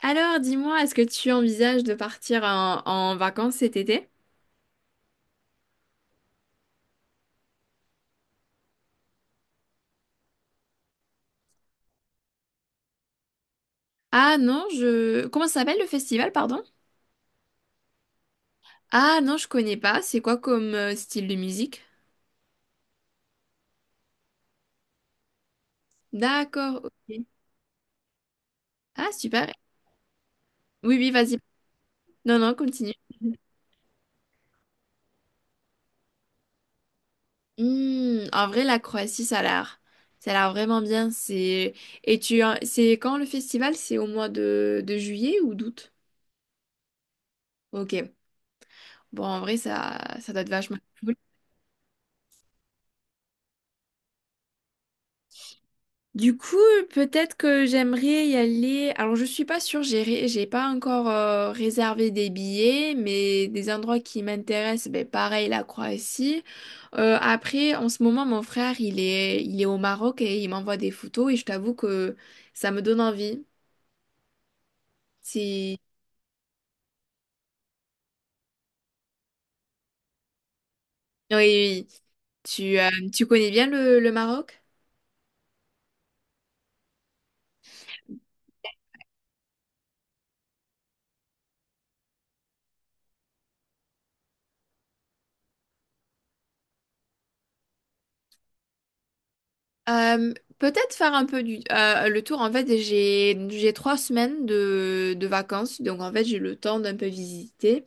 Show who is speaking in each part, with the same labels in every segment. Speaker 1: Alors, dis-moi, est-ce que tu envisages de partir en vacances cet été? Ah non, je... Comment ça s'appelle le festival, pardon? Ah non, je connais pas. C'est quoi comme style de musique? D'accord, ok. Ah super. Oui, oui, vas-y. Non, non, continue. Hmm, en vrai, la Croatie, ça a l'air... Ça a l'air vraiment bien. C'est... Et tu... C'est quand le festival? C'est au mois de juillet ou d'août? Ok. Bon, en vrai, ça doit être vachement... Du coup, peut-être que j'aimerais y aller. Alors, je suis pas sûre, j'ai pas encore réservé des billets, mais des endroits qui m'intéressent, ben, pareil, la Croatie. Après, en ce moment, mon frère, il est au Maroc et il m'envoie des photos et je t'avoue que ça me donne envie. Si... Oui, oui, oui. Tu, tu connais bien le Maroc? Euh, peut-être faire un peu du, le tour. En fait, j'ai trois semaines de vacances, donc en fait, j'ai le temps d'un peu visiter.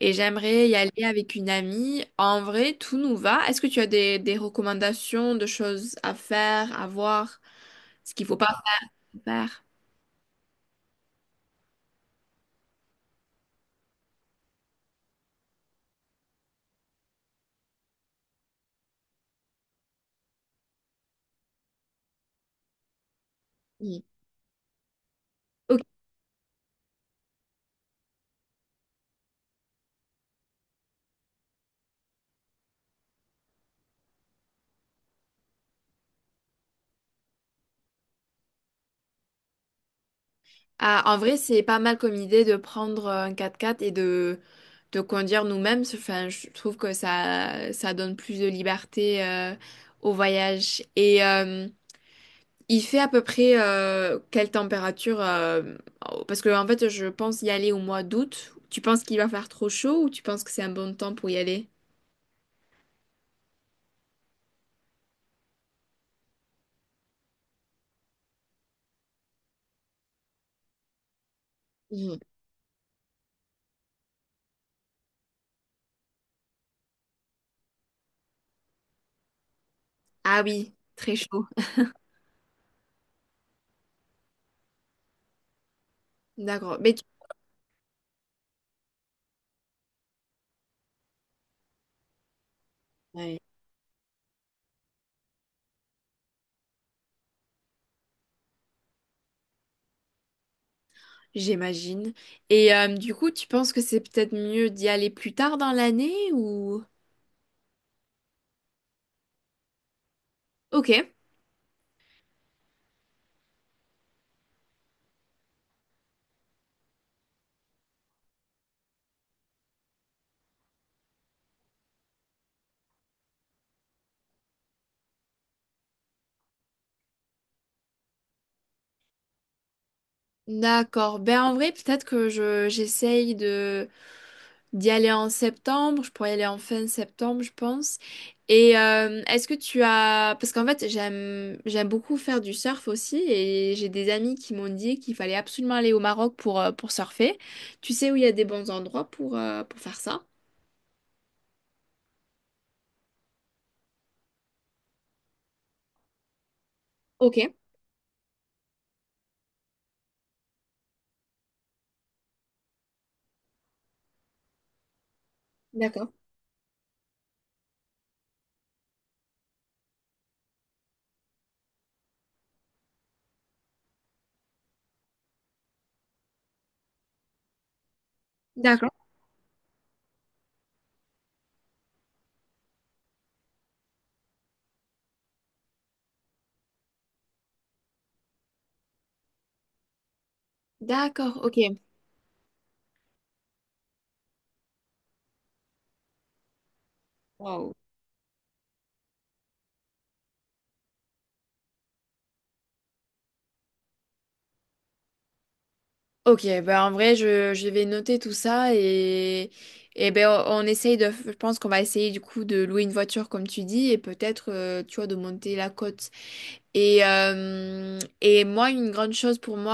Speaker 1: Et j'aimerais y aller avec une amie. En vrai, tout nous va. Est-ce que tu as des recommandations de choses à faire, à voir, ce qu'il faut pas faire? Oui. Ok. Ah, en vrai, c'est pas mal comme idée de prendre un quatre-quatre et de conduire nous-mêmes. Enfin, je trouve que ça donne plus de liberté au voyage. Et il fait à peu près quelle température, parce que en fait, je pense y aller au mois d'août. Tu penses qu'il va faire trop chaud ou tu penses que c'est un bon temps pour y aller? Mhm. Ah oui, très chaud. D'accord. Mais ouais, j'imagine. Et du coup, tu penses que c'est peut-être mieux d'y aller plus tard dans l'année ou... Ok. D'accord. Ben en vrai, peut-être que je j'essaye de d'y aller en septembre, je pourrais y aller en fin septembre, je pense. Et est-ce que tu as... Parce qu'en fait, j'aime beaucoup faire du surf aussi et j'ai des amis qui m'ont dit qu'il fallait absolument aller au Maroc pour surfer. Tu sais où il y a des bons endroits pour faire ça? Ok, d'accord. D'accord. D'accord, ok. Wow. Ok, bah en vrai, je vais noter tout ça et ben on essaye de, je pense qu'on va essayer du coup de louer une voiture comme tu dis et peut-être tu vois, de monter la côte. Et moi, une grande chose pour moi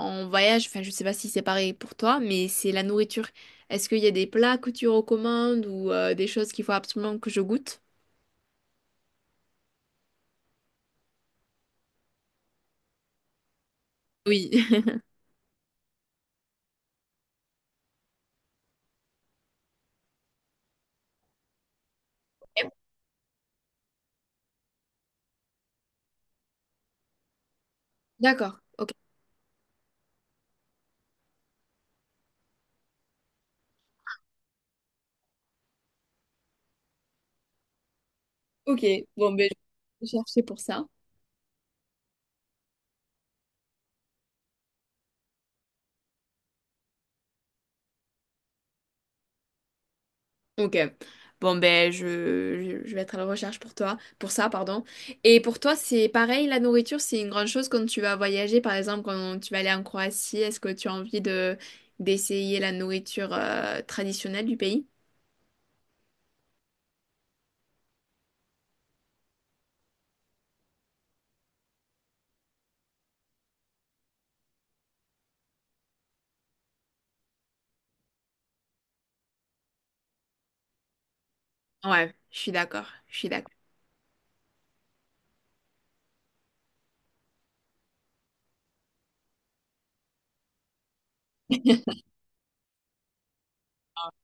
Speaker 1: en voyage, enfin je sais pas si c'est pareil pour toi, mais c'est la nourriture. Est-ce qu'il y a des plats que tu recommandes ou des choses qu'il faut absolument que je goûte? Oui. D'accord, ok. Ok, bon, ben, je vais chercher pour ça. Ok. Bon, ben, je vais être à la recherche pour toi, pour ça, pardon. Et pour toi, c'est pareil, la nourriture, c'est une grande chose quand tu vas voyager, par exemple, quand tu vas aller en Croatie, est-ce que tu as envie de d'essayer la nourriture traditionnelle du pays? Ouais, je suis d'accord, je suis d'accord.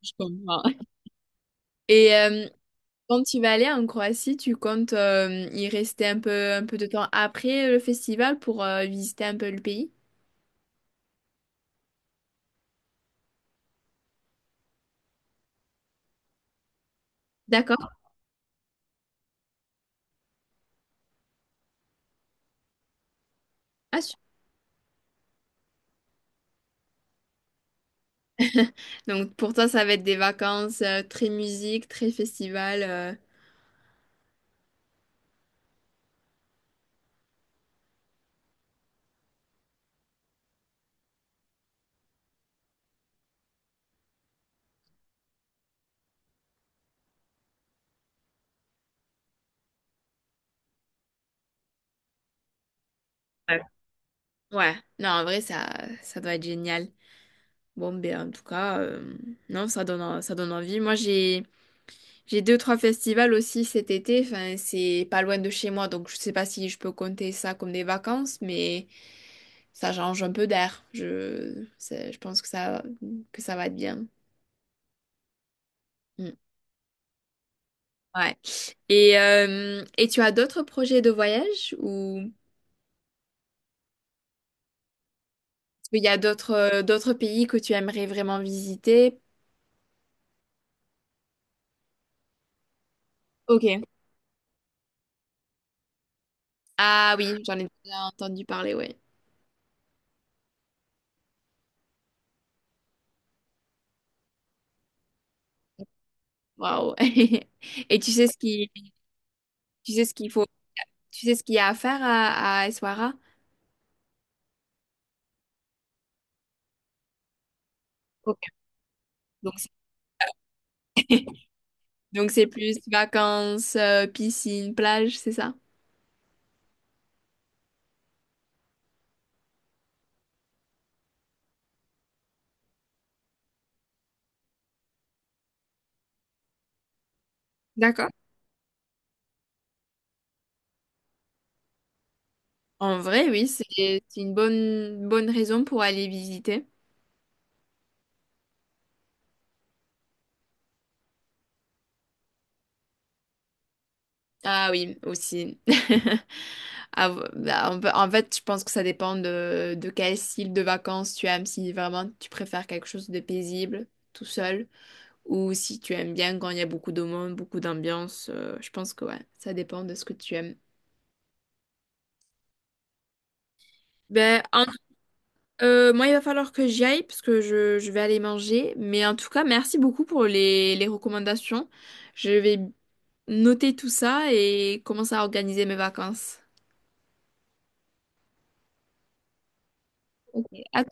Speaker 1: Je comprends. Et quand tu vas aller en Croatie, tu comptes y rester un peu de temps après le festival pour visiter un peu le pays? D'accord. Ah, donc pour toi, ça va être des vacances très musique, très festival. Ouais. Ouais, non, en vrai, ça doit être génial. Bon, ben, en tout cas, non, ça donne, ça donne envie. Moi, j'ai deux, trois festivals aussi cet été. Enfin, c'est pas loin de chez moi, donc je sais pas si je peux compter ça comme des vacances, mais ça change un peu d'air. Je pense que que ça va être bien. Mm. Ouais. Et tu as d'autres projets de voyage ou... Il y a d'autres d'autres pays que tu aimerais vraiment visiter? Ok. Ah oui, j'en ai déjà entendu parler, ouais. Waouh. Et tu sais ce qui, tu sais ce qu'il faut, tu sais ce qu'il y a à faire à Essaouira? Ok. Donc c'est donc c'est plus vacances, piscine, plage, c'est ça? D'accord. En vrai, oui, c'est une bonne raison pour aller visiter. Ah oui, aussi. Ah, bah, en fait, je pense que ça dépend de quel style de vacances tu aimes, si vraiment tu préfères quelque chose de paisible, tout seul, ou si tu aimes bien quand il y a beaucoup de monde, beaucoup d'ambiance. Je pense que ouais, ça dépend de ce que tu aimes. Ben, en- Moi, il va falloir que j'y aille parce que je vais aller manger. Mais en tout cas, merci beaucoup pour les recommandations. Je vais noter tout ça et commencer à organiser mes vacances. Ok. À